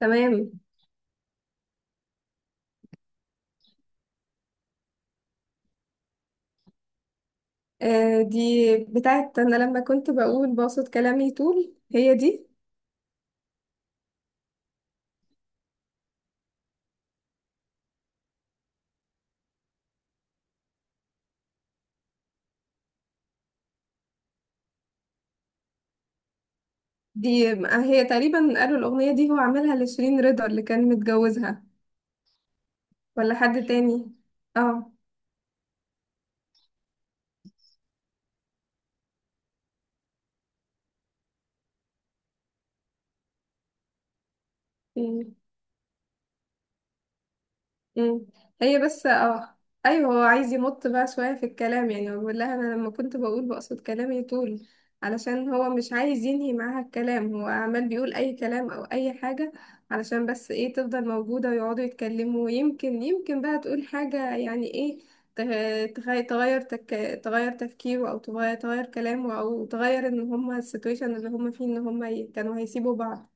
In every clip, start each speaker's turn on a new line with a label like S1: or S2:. S1: تمام. آه، دي بتاعت انا لما كنت بقول باسط كلامي طول. هي دي. دي هي تقريبا قالوا الاغنيه دي هو عاملها لشيرين رضا اللي كان متجوزها، ولا حد تاني. اه. مم. هي بس اه، ايوه هو عايز يمط بقى شويه في الكلام. يعني هو بيقول لها انا لما كنت بقول بقصد كلامي طول، علشان هو مش عايز ينهي معاها الكلام. هو عمال بيقول اي كلام او اي حاجه علشان بس ايه، تفضل موجوده ويقعدوا يتكلموا. ويمكن يمكن بقى تقول حاجه يعني ايه. ت- تخ- تغير تك... تغير تفكيره، او تغير كلامه، او تغير ان هما السيتويشن اللي هما فيه ان هما كانوا هيسيبوا بعض.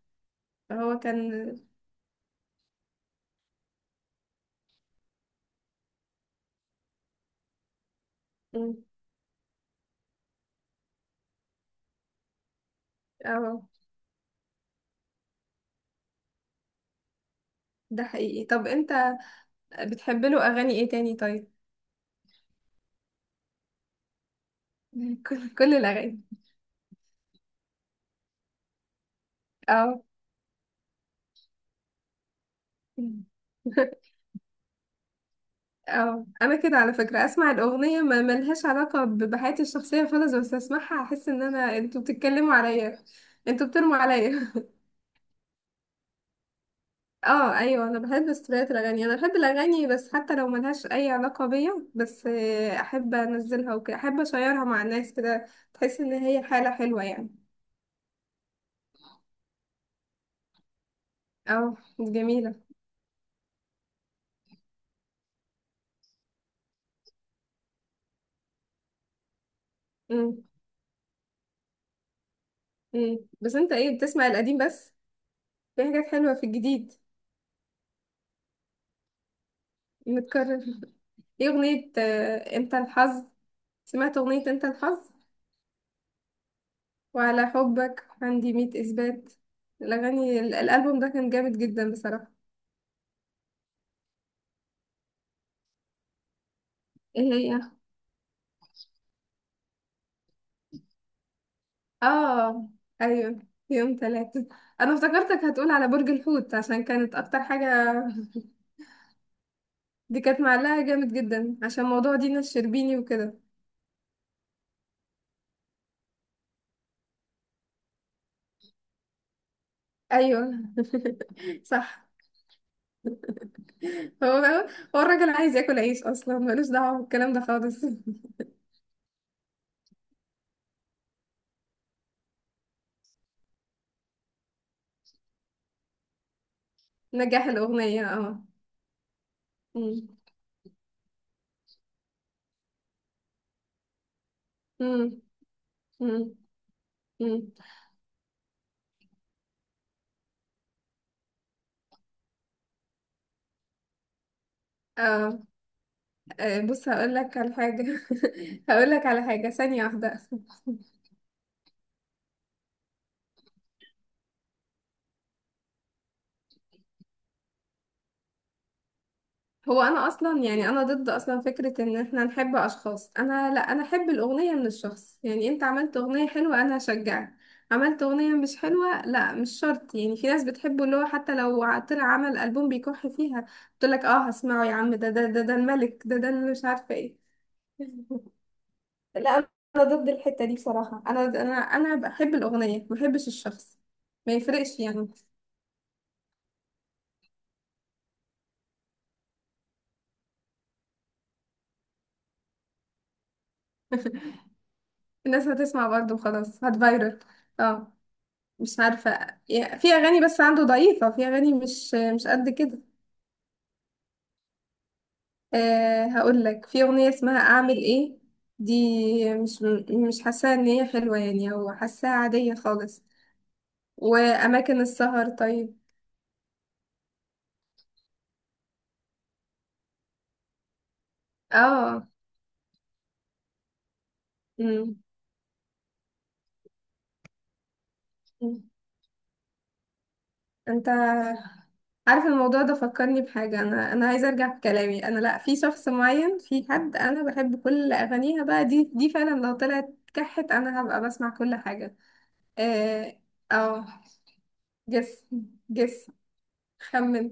S1: فهو كان. مم. اه، ده حقيقي. طب انت بتحب له اغاني ايه تاني طيب؟ كل الاغاني. اه. اه انا كده على فكره اسمع الاغنيه ما ملهاش علاقه بحياتي الشخصيه خالص، بس اسمعها احس ان انا انتوا بتتكلموا عليا. انتوا بترموا عليا. اه ايوه، انا بحب ستوريات الاغاني، انا بحب الاغاني. بس حتى لو ملهاش اي علاقه بيا، بس آه، احب انزلها وكده، احب اشيرها مع الناس كده. تحس ان هي حاله حلوه يعني. اه جميله. امم. بس انت ايه، بتسمع القديم بس؟ في حاجات حلوه في الجديد. متكرر. ايه أغنية، آه، انت الحظ؟ سمعت أغنية انت الحظ؟ وعلى حبك عندي مية إثبات. الأغاني الألبوم ده كان جامد جدا بصراحة. ايه هي؟ اه. أيوه، يوم تلاتة. أنا افتكرتك هتقول على برج الحوت عشان كانت أكتر حاجة. دي كانت معلقة جامد جدا عشان موضوع دينا الشربيني وكده. أيوه. صح. هو، هو الراجل عايز ياكل عيش أصلا، ملوش دعوة بالكلام ده خالص. نجاح الأغنية، اه. مم. مم. مم. اه. آه، بص هقول لك على حاجة. هقول لك على حاجة، ثانية واحدة. هو انا اصلا يعني، انا ضد اصلا فكرة ان احنا نحب اشخاص. انا لا، انا احب الاغنية من الشخص. يعني انت عملت اغنية حلوة، انا هشجعك. عملت اغنية مش حلوة، لا مش شرط. يعني في ناس بتحبه اللي هو حتى لو طلع عمل البوم بيكح فيها، تقول لك اه هسمعه يا عم، ده ده ده ده الملك، ده ده اللي مش عارفة ايه. لا، انا ضد الحته دي بصراحه. انا بحب الاغنيه، ما بحبش الشخص. ما يفرقش يعني. الناس هتسمع برضه وخلاص، هتفايرل. اه. مش عارفه يا- في اغاني بس عنده ضعيفه، في اغاني مش مش قد كده. أه هقول لك، في اغنيه اسمها اعمل ايه. دي مش مش حاساها ان هي حلوه يعني، او حاساها عاديه خالص. واماكن السهر طيب. اه. امم. انت عارف الموضوع ده فكرني بحاجة. أنا عايزة أرجع في كلامي. أنا لأ، في شخص معين، في حد أنا بحب كل أغانيها بقى. دي فعلا لو طلعت كحت، أنا هبقى بسمع كل حاجة. آه، أو جس. جس. خمن.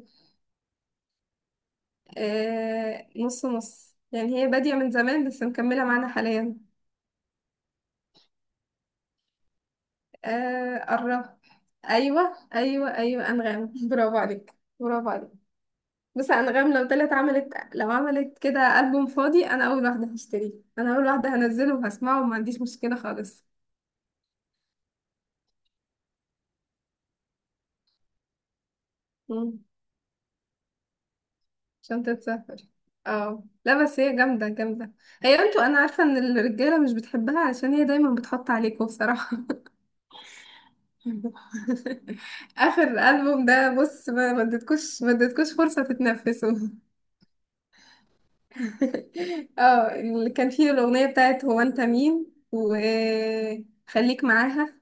S1: آه، نص نص يعني، هي بادية من زمان بس مكملة معانا حاليا. آه، قرب. أيوة، أيوة، أيوة، أنغام. برافو عليك. برافو عليك. بص، انغام لو طلعت عملت، لو عملت كده ألبوم فاضي، انا اول واحده هشتريه، انا اول واحده هنزله وهسمعه وما عنديش مشكله خالص. مم. شنطه سفر. اه لا، بس هي جامده جامده. هي انتوا، انا عارفه ان الرجاله مش بتحبها علشان هي دايما بتحط عليكم بصراحه. اخر ألبوم ده بص، ما اديتكوش، ما اديتكوش فرصه تتنفسوا. اه، اللي كان فيه الاغنيه بتاعت هو انت مين، وخليك معاها.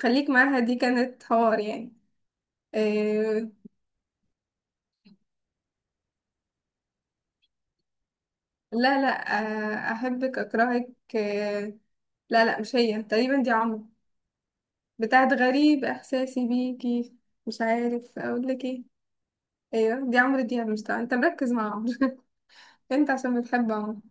S1: خليك معاها دي كانت حوار يعني. آه لا. لا، آه أحبك أكرهك. آه لا لا، مش هي. تقريبا دي عمرو، بتاعت غريب إحساسي بيكي. مش عارف أقول لك إيه. أيوه دي عمرو دياب. مش طبعا أنت مركز مع عمرو. أنت عشان بتحب عمرو.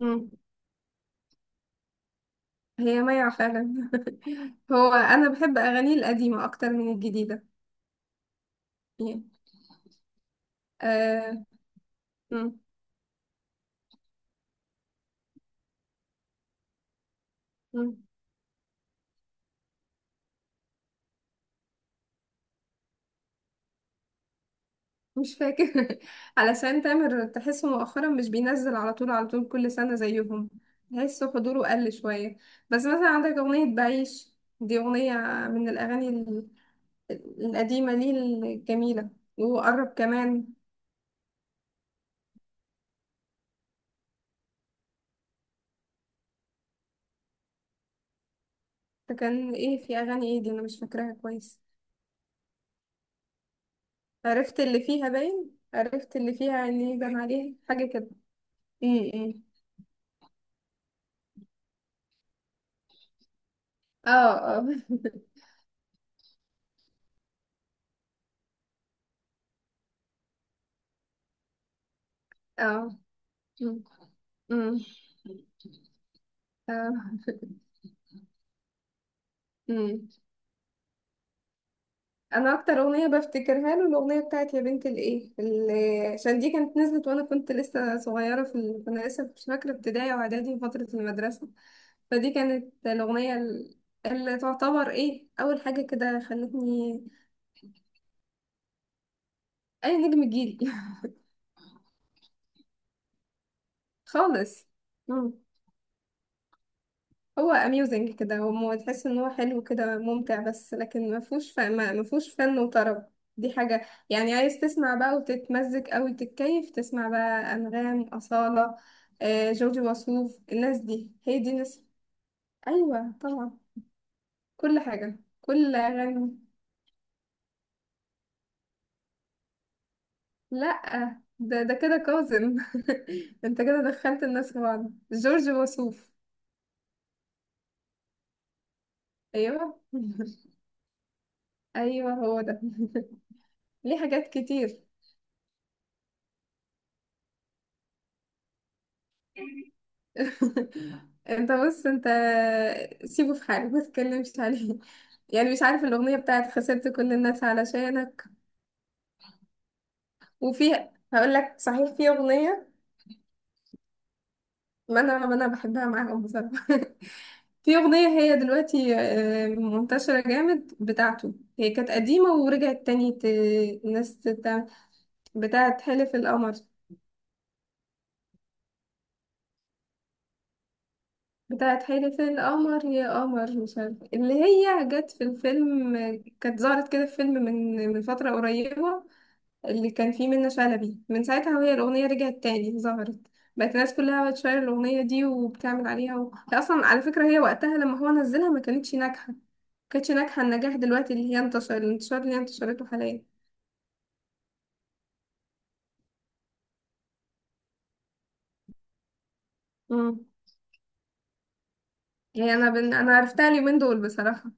S1: مم. هي ميعة فعلا. هو أنا بحب أغانيه القديمة أكتر من الجديدة. يعني. آه. مم. مش فاكر. علشان تامر تحسه مؤخرا مش بينزل على طول، على طول كل سنة زيهم. تحسه حضوره قل شوية. بس مثلا عندك أغنية بعيش. دي أغنية من الأغاني القديمة ليه، الجميلة. وقرب كمان. فكان إيه في أغاني إيه دي، أنا مش فاكراها كويس. عرفت اللي فيها باين، عرفت اللي فيها إني بان عليها حاجة كده. م- م. اه. اه. اه. م- م. اه. م. انا اكتر اغنيه بفتكرها له الاغنيه بتاعت يا بنت الايه، اللي عشان دي كانت نزلت وانا كنت لسه صغيره في ال... كنا لسه مش فاكره، ابتدائي واعدادي وفتره المدرسه. فدي كانت الاغنيه اللي تعتبر ايه اول حاجه كده خلتني اي نجم جيلي. خالص. هو اميوزنج كده، هو تحس ان هو حلو كده ممتع، بس لكن ما فيهوش ف... ما ما فيهوش فن وطرب. دي حاجة يعني عايز تسمع بقى وتتمزج أوي، تتكيف تسمع بقى أنغام، أصالة، آه، جورج وسوف. الناس دي هي دي ناس. أيوة طبعا. كل حاجة، كل أغاني. لأ ده، ده كده كاظم. انت كده دخلت الناس في بعض. جورج وسوف. أيوة. أيوة هو ده. ليه حاجات كتير. انت بص، انت سيبه في حاله ما تتكلمش عليه. يعني مش عارف الاغنيه بتاعت خسرت كل الناس علشانك. وفي، هقول لك صحيح، في اغنيه. ما انا بحبها معاهم بصراحه. في اغنيه هي دلوقتي آه، منتشره جامد بتاعته، هي كانت قديمه ورجعت تاني الناس بتاعت حلف القمر. بتاعت حلف القمر يا قمر، مش عارفه اللي هي جت في الفيلم. كانت ظهرت كده في فيلم من فتره قريبه، اللي كان فيه منة شلبي. من ساعتها وهي الأغنية رجعت تاني ظهرت، بقت الناس كلها بتشير الأغنية دي وبتعمل عليها و... هي أصلا على فكرة، هي وقتها لما هو نزلها ما كانتش ناجحة، ما كانتش ناجحة النجاح دلوقتي اللي هي انتشر الانتشار اللي هي انتشرته حاليا. امم. هي أنا أنا عرفتها اليومين دول بصراحة.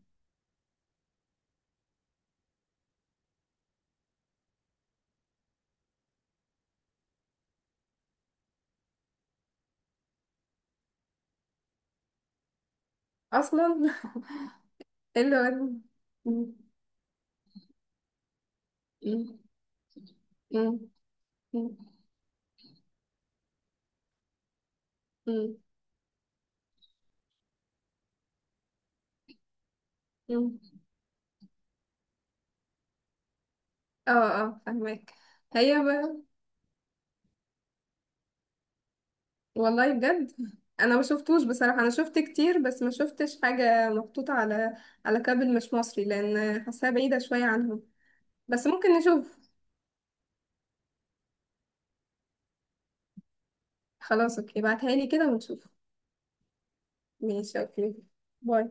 S1: أصلا. إيه اللي هو. مم. مم. مم. مم. مم. اه، اه، فهمك. هي والله بجد، انا ما شفتوش بصراحه. انا شفت كتير بس ما شفتش حاجه محطوطه على على كابل مش مصري، لان حاساها بعيده شويه عنهم. بس ممكن نشوف. خلاص اوكي، ابعتها لي كده ونشوف. ماشي اوكي. باي.